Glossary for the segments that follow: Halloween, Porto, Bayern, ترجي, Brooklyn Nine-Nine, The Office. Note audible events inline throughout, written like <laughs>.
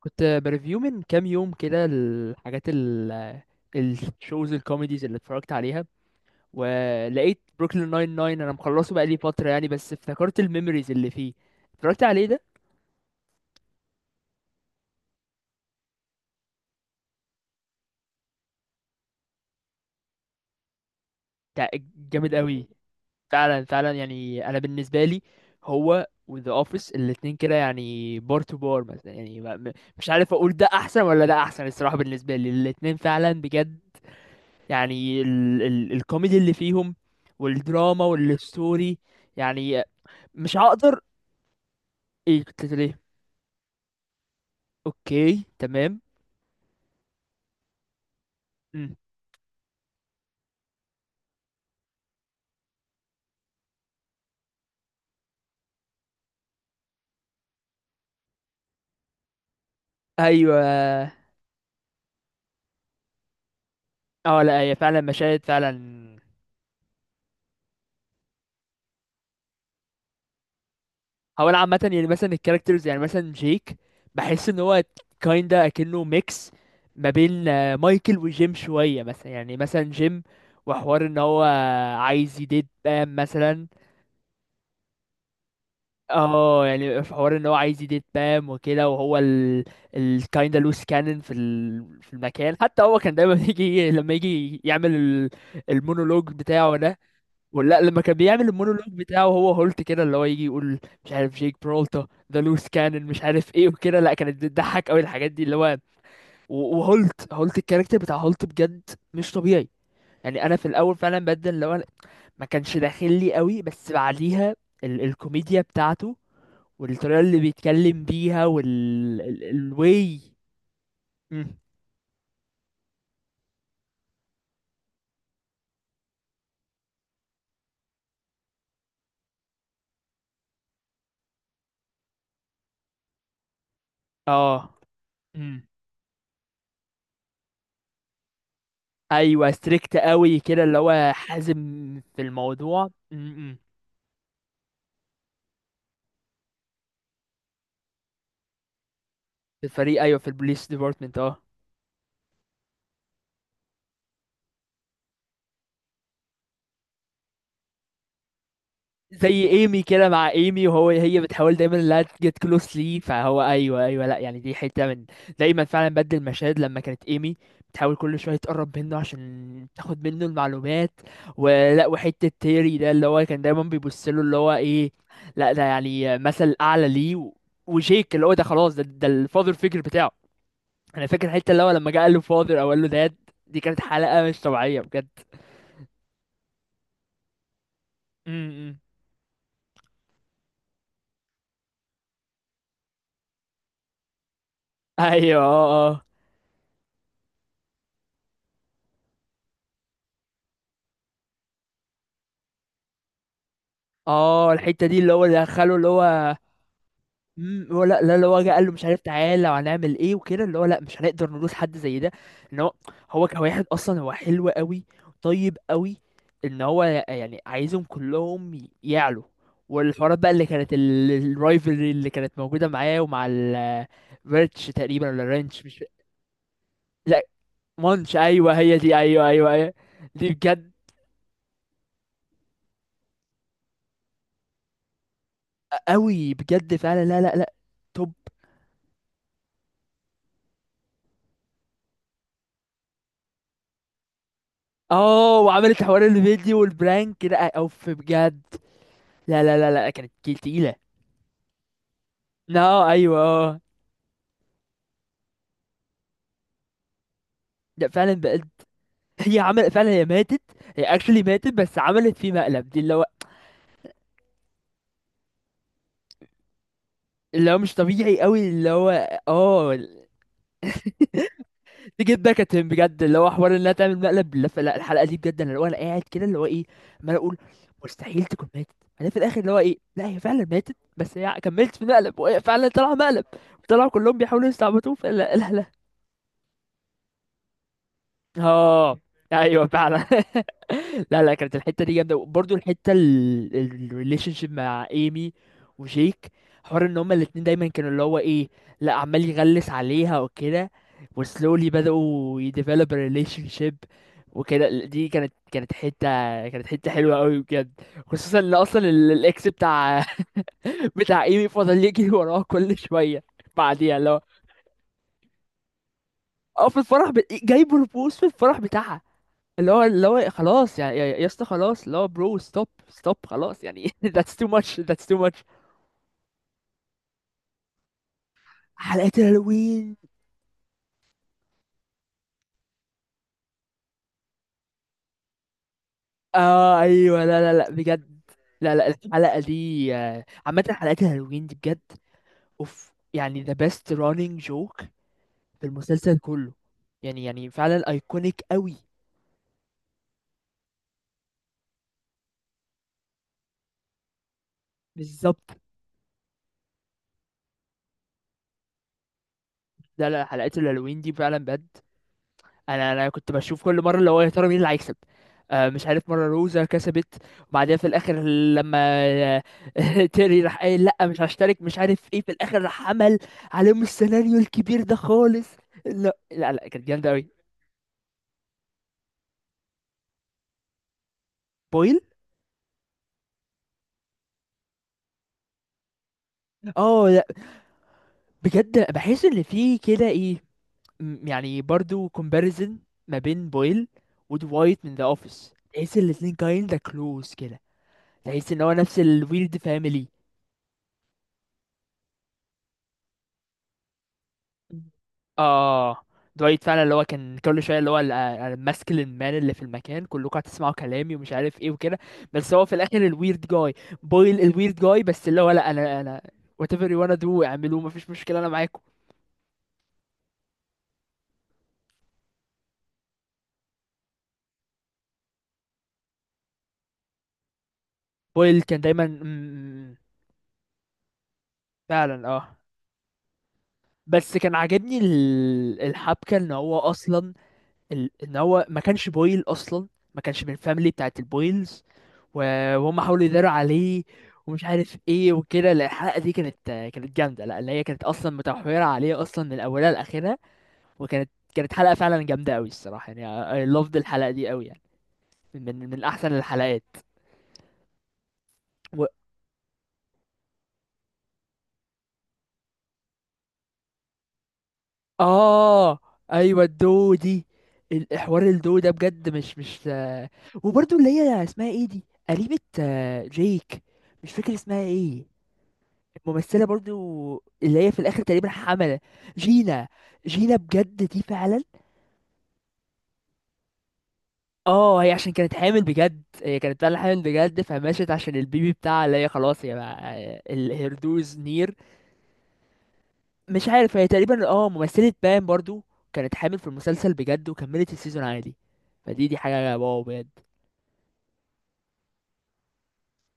كنت بريفيو من كام يوم كده الحاجات الشوز الكوميديز اللي اتفرجت عليها، ولقيت بروكلين ناين ناين. انا مخلصه بقالي فترة يعني، بس افتكرت الميموريز اللي فيه. اتفرجت عليه ده. بتاع جامد قوي. فعلا فعلا، يعني انا بالنسبة لي هو وذا اوفيس الاتنين كده يعني بار تو بار مثلا. يعني مش عارف اقول ده احسن ولا ده احسن الصراحة. بالنسبة لي الاتنين فعلا بجد، يعني ال الكوميدي اللي فيهم والدراما والستوري. يعني مش هقدر. ايه قلت له ليه. اوكي، تمام. مم. ايوه. اه لا، هي فعلا مشاهد فعلا. هو انا عامه يعني مثلا الكاركترز، يعني مثلا جيك، بحس ان هو كايندا اكنه ميكس ما بين آه، مايكل وجيم شويه. مثلا يعني مثلا جيم، وحوار ان هو عايز يديت بام مثلا. اه يعني في حوار ان هو عايز يديت بام وكده، وهو الكايندا لوس كانن في المكان. حتى هو كان دايما <laughs> يجي لما يجي يعمل المونولوج بتاعه ده. ولا لما كان بيعمل المونولوج بتاعه، هو هولت كده اللي هو يجي يقول مش عارف جيك برولتا ذا لوس كانن مش عارف ايه وكده. لا، كانت بتضحك قوي الحاجات دي اللي هو وهولت الكاركتر بتاع هولت بجد مش طبيعي. يعني انا في الاول فعلا بدل اللي هو ما كانش داخل لي قوي، بس بعديها الكوميديا بتاعته والطريقة اللي بيتكلم بيها وال الواي. مم. اه. مم. ايوه، ستريكت قوي كده اللي هو حازم في الموضوع. مم. مم. في الفريق، ايوه، في البوليس ديبارتمنت. اه. زي ايمي كده، مع ايمي وهو، هي بتحاول دايما لا تجيت كلوز لي، فهو ايوه ايوه. لا يعني دي حته من دايما فعلا بدل المشاهد لما كانت ايمي بتحاول كل شويه تقرب منه عشان تاخد منه المعلومات. ولا وحته تيري ده اللي هو كان دايما بيبص له اللي هو ايه، لا ده يعني مثل اعلى ليه. وجيك اللي هو ده خلاص، ده ده الفاذر فيجر بتاعه. انا فاكر الحته اللي هو لما جه قال له فاذر او قال له داد. دي كانت حلقه مش طبيعيه بجد. م- م. ايوه، اه اه. اه الحته دي اللي هو دخله اللي هو. مم، هو لا لا اللي هو جه قال له مش عارف تعالى وهنعمل ايه وكده، اللي هو لا مش هنقدر ندوس حد زي ده. ان هو، هو كواحد اصلا هو حلو قوي، طيب قوي. ان هو يعني عايزهم كلهم يعلوا. والحوارات بقى اللي كانت الرايفلري اللي كانت موجوده معاه ومع ال فيرتش تقريبا، ولا رانش، مش. لا، مانش، ايوه هي دي، ايوه ايوه ايوه. دي بجد قوي بجد فعلا. لا لا لا. توب. اه، وعملت حوار الفيديو والبرانك، لا اوف بجد. لا لا لا لا، كانت كيل تقيلة. لا، ايوه، اه. لا فعلا بقت. هي عمل فعلا هي ماتت. هي اكشلي ماتت، بس عملت فيه مقلب دي اللي هو. اللي هو مش طبيعي قوي اللي هو. اه، تجيب باك ات هيم بجد، اللي هو حوار انها تعمل مقلب. لا لا، الحلقة دي بجد، انا اللي هو انا قاعد كده اللي هو ايه عمال اقول مستحيل تكون ماتت. انا في الاخر اللي هو ايه، لا هي فعلا ماتت، بس هي كملت في مقلب، وهي فعلا طلع مقلب. طلعوا كلهم بيحاولوا يستعبطوه، فلا لا لا. اه ايوه فعلا. <laughs> لا لا، كانت الحته دي جامده. برضو الحته الريليشن شيب مع ايمي وجيك، حوار ان هما الاتنين دايما كانوا اللي هو ايه، لا عمال يغلس عليها وكده، وسلولي بدأوا يديفلوب ريليشن شيب وكده. دي كانت كانت حته حلوه قوي بجد. خصوصا ان اصلا الاكس بتاع <laughs> بتاع ايمي فضل يجري وراها كل شويه. بعديها اللي هو اه في الفرح ب... جايبه البوس في الفرح بتاعها. اللي هو اللي هو خلاص يعني يا يا اسطى خلاص، اللي هو برو ستوب ستوب، خلاص يعني. <laughs> that's too much, that's too much. حلقة الهالوين. اه ايوه، لا لا لا بجد. لا لا الحلقة دي آه، عامة حلقات الهالوين دي بجد اوف. يعني the best running joke في المسلسل كله، يعني يعني فعلا ايكونيك قوي. بالظبط. لا لا، حلقات الهالوين دي فعلا بجد. انا انا كنت بشوف كل مره اللي هو يا ترى مين اللي هيكسب. آه مش عارف، مره روزا كسبت، وبعديها في الاخر لما آه، <laughs> تيري راح قايل لا مش هشترك مش عارف ايه، في الاخر راح عمل عليهم السيناريو الكبير ده خالص. لا لا لا كانت جامده قوي. بويل. اه لا، بجد بحس ان في كده ايه، يعني برضو كومباريزن ما بين بويل ودوايت من ذا اوفيس، تحس الاتنين كايندا كلوز كده، تحس ان هو نفس الويرد فاميلي. اه، دوايت فعلا اللي هو كان كل شويه اللي هو الماسكلين مان اللي في المكان، كلكم هتسمعوا كلامي ومش عارف ايه وكده. بس هو في الاخر الويرد جاي. بويل الويرد جاي، بس اللي هو لا انا انا whatever you wanna do اعملوه، مفيش مشكله انا معاكم. بويل كان دايما فعلا اه. بس كان عاجبني الحبكه ان هو اصلا ان هو ما كانش بويل اصلا، ما كانش من الفاميلي بتاعت البويلز، وهم حاولوا يداروا عليه ومش عارف ايه وكده. لا الحلقه دي كانت كانت جامده، لا اللي هي كانت اصلا متمحوره عليه اصلا من اولها لاخرها. وكانت كانت حلقه فعلا جامده قوي الصراحه، يعني I loved الحلقه دي قوي يعني. من احسن الحلقات. و... اه ايوه الدو دي. الحوار الدو ده بجد مش مش آه،. وبرضه اللي هي اسمها ايه دي، قريبة آه، جيك، مش فاكر اسمها ايه، ممثلة برضو، اللي هي في الآخر تقريبا حملة. جينا. جينا بجد دي فعلا. اه، هي عشان كانت حامل بجد، هي كانت فعلا حامل بجد، فمشت عشان البيبي بتاعها اللي هي خلاص يا بقى. الهردوز نير. مش عارف هي تقريبا اه ممثلة بام برضو، كانت حامل في المسلسل بجد وكملت السيزون عادي. فدي دي حاجة واو بجد.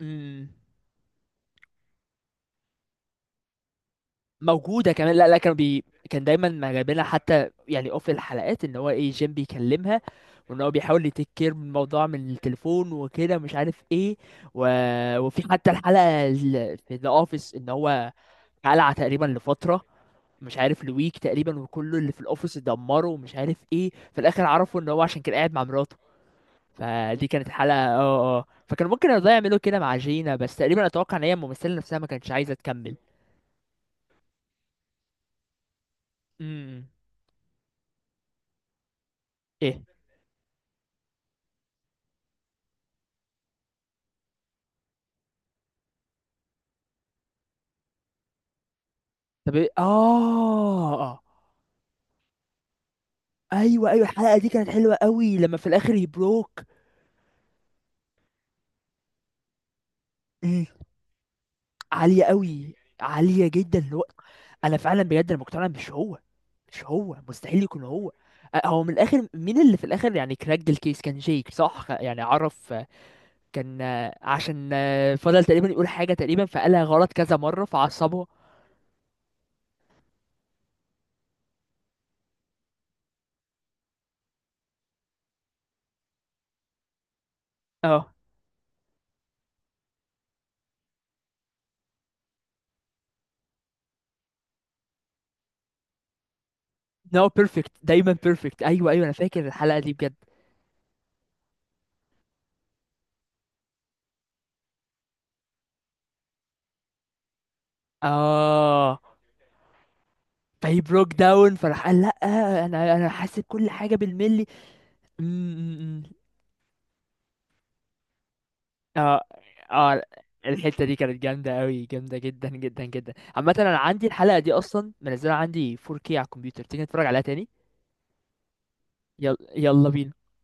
امم. موجوده كمان. لا لا كانوا بي، كان دايما ما جايبينها، حتى يعني اوف الحلقات ان هو ايه جيم بيكلمها وان هو بيحاول يتيك كير من الموضوع من التليفون وكده مش عارف ايه و... وفي حتى الحلقه في ذا اوفيس ان هو قلع تقريبا لفتره، مش عارف لويك تقريبا، وكله اللي في الاوفيس اتدمروا ومش عارف ايه، في الاخر عرفوا ان هو عشان كان قاعد مع مراته. فدي كانت حلقه اه اه آه. فكان ممكن يرضى يعملوا كده مع جينا، بس تقريبا اتوقع ان هي الممثله نفسها ما كانتش عايزه تكمل. امم. ايه. طب ايه، اه. ايوه ايوه، الحلقه دي كانت حلوه قوي لما في الاخر يبروك. مم. عاليه قوي. عاليه جدا اللي هو. انا فعلا بجد انا مقتنع إن مش هو، مش هو، مستحيل يكون هو. أه، هو من الاخر، مين اللي في الاخر يعني كراك الكيس؟ كان جيك صح، يعني عرف آه،. كان آه، عشان آه، فضل تقريبا يقول حاجه تقريبا فقالها غلط كذا مره فعصبه. اه. نو بيرفكت، دايما بيرفكت. ايوه ايوه، انا فاكر الحلقه دي بجد. اه. فهي بروك داون، فراح قال لا انا انا حاسب كل حاجه بالملي. أم- أم- أم. اه اه. الحته دي كانت جامده قوي، جامده جدا جدا جدا. عامه انا عندي الحلقه دي اصلا، منزلها عندي 4K على الكمبيوتر. تيجي نتفرج عليها تاني؟ يلا يلا بينا.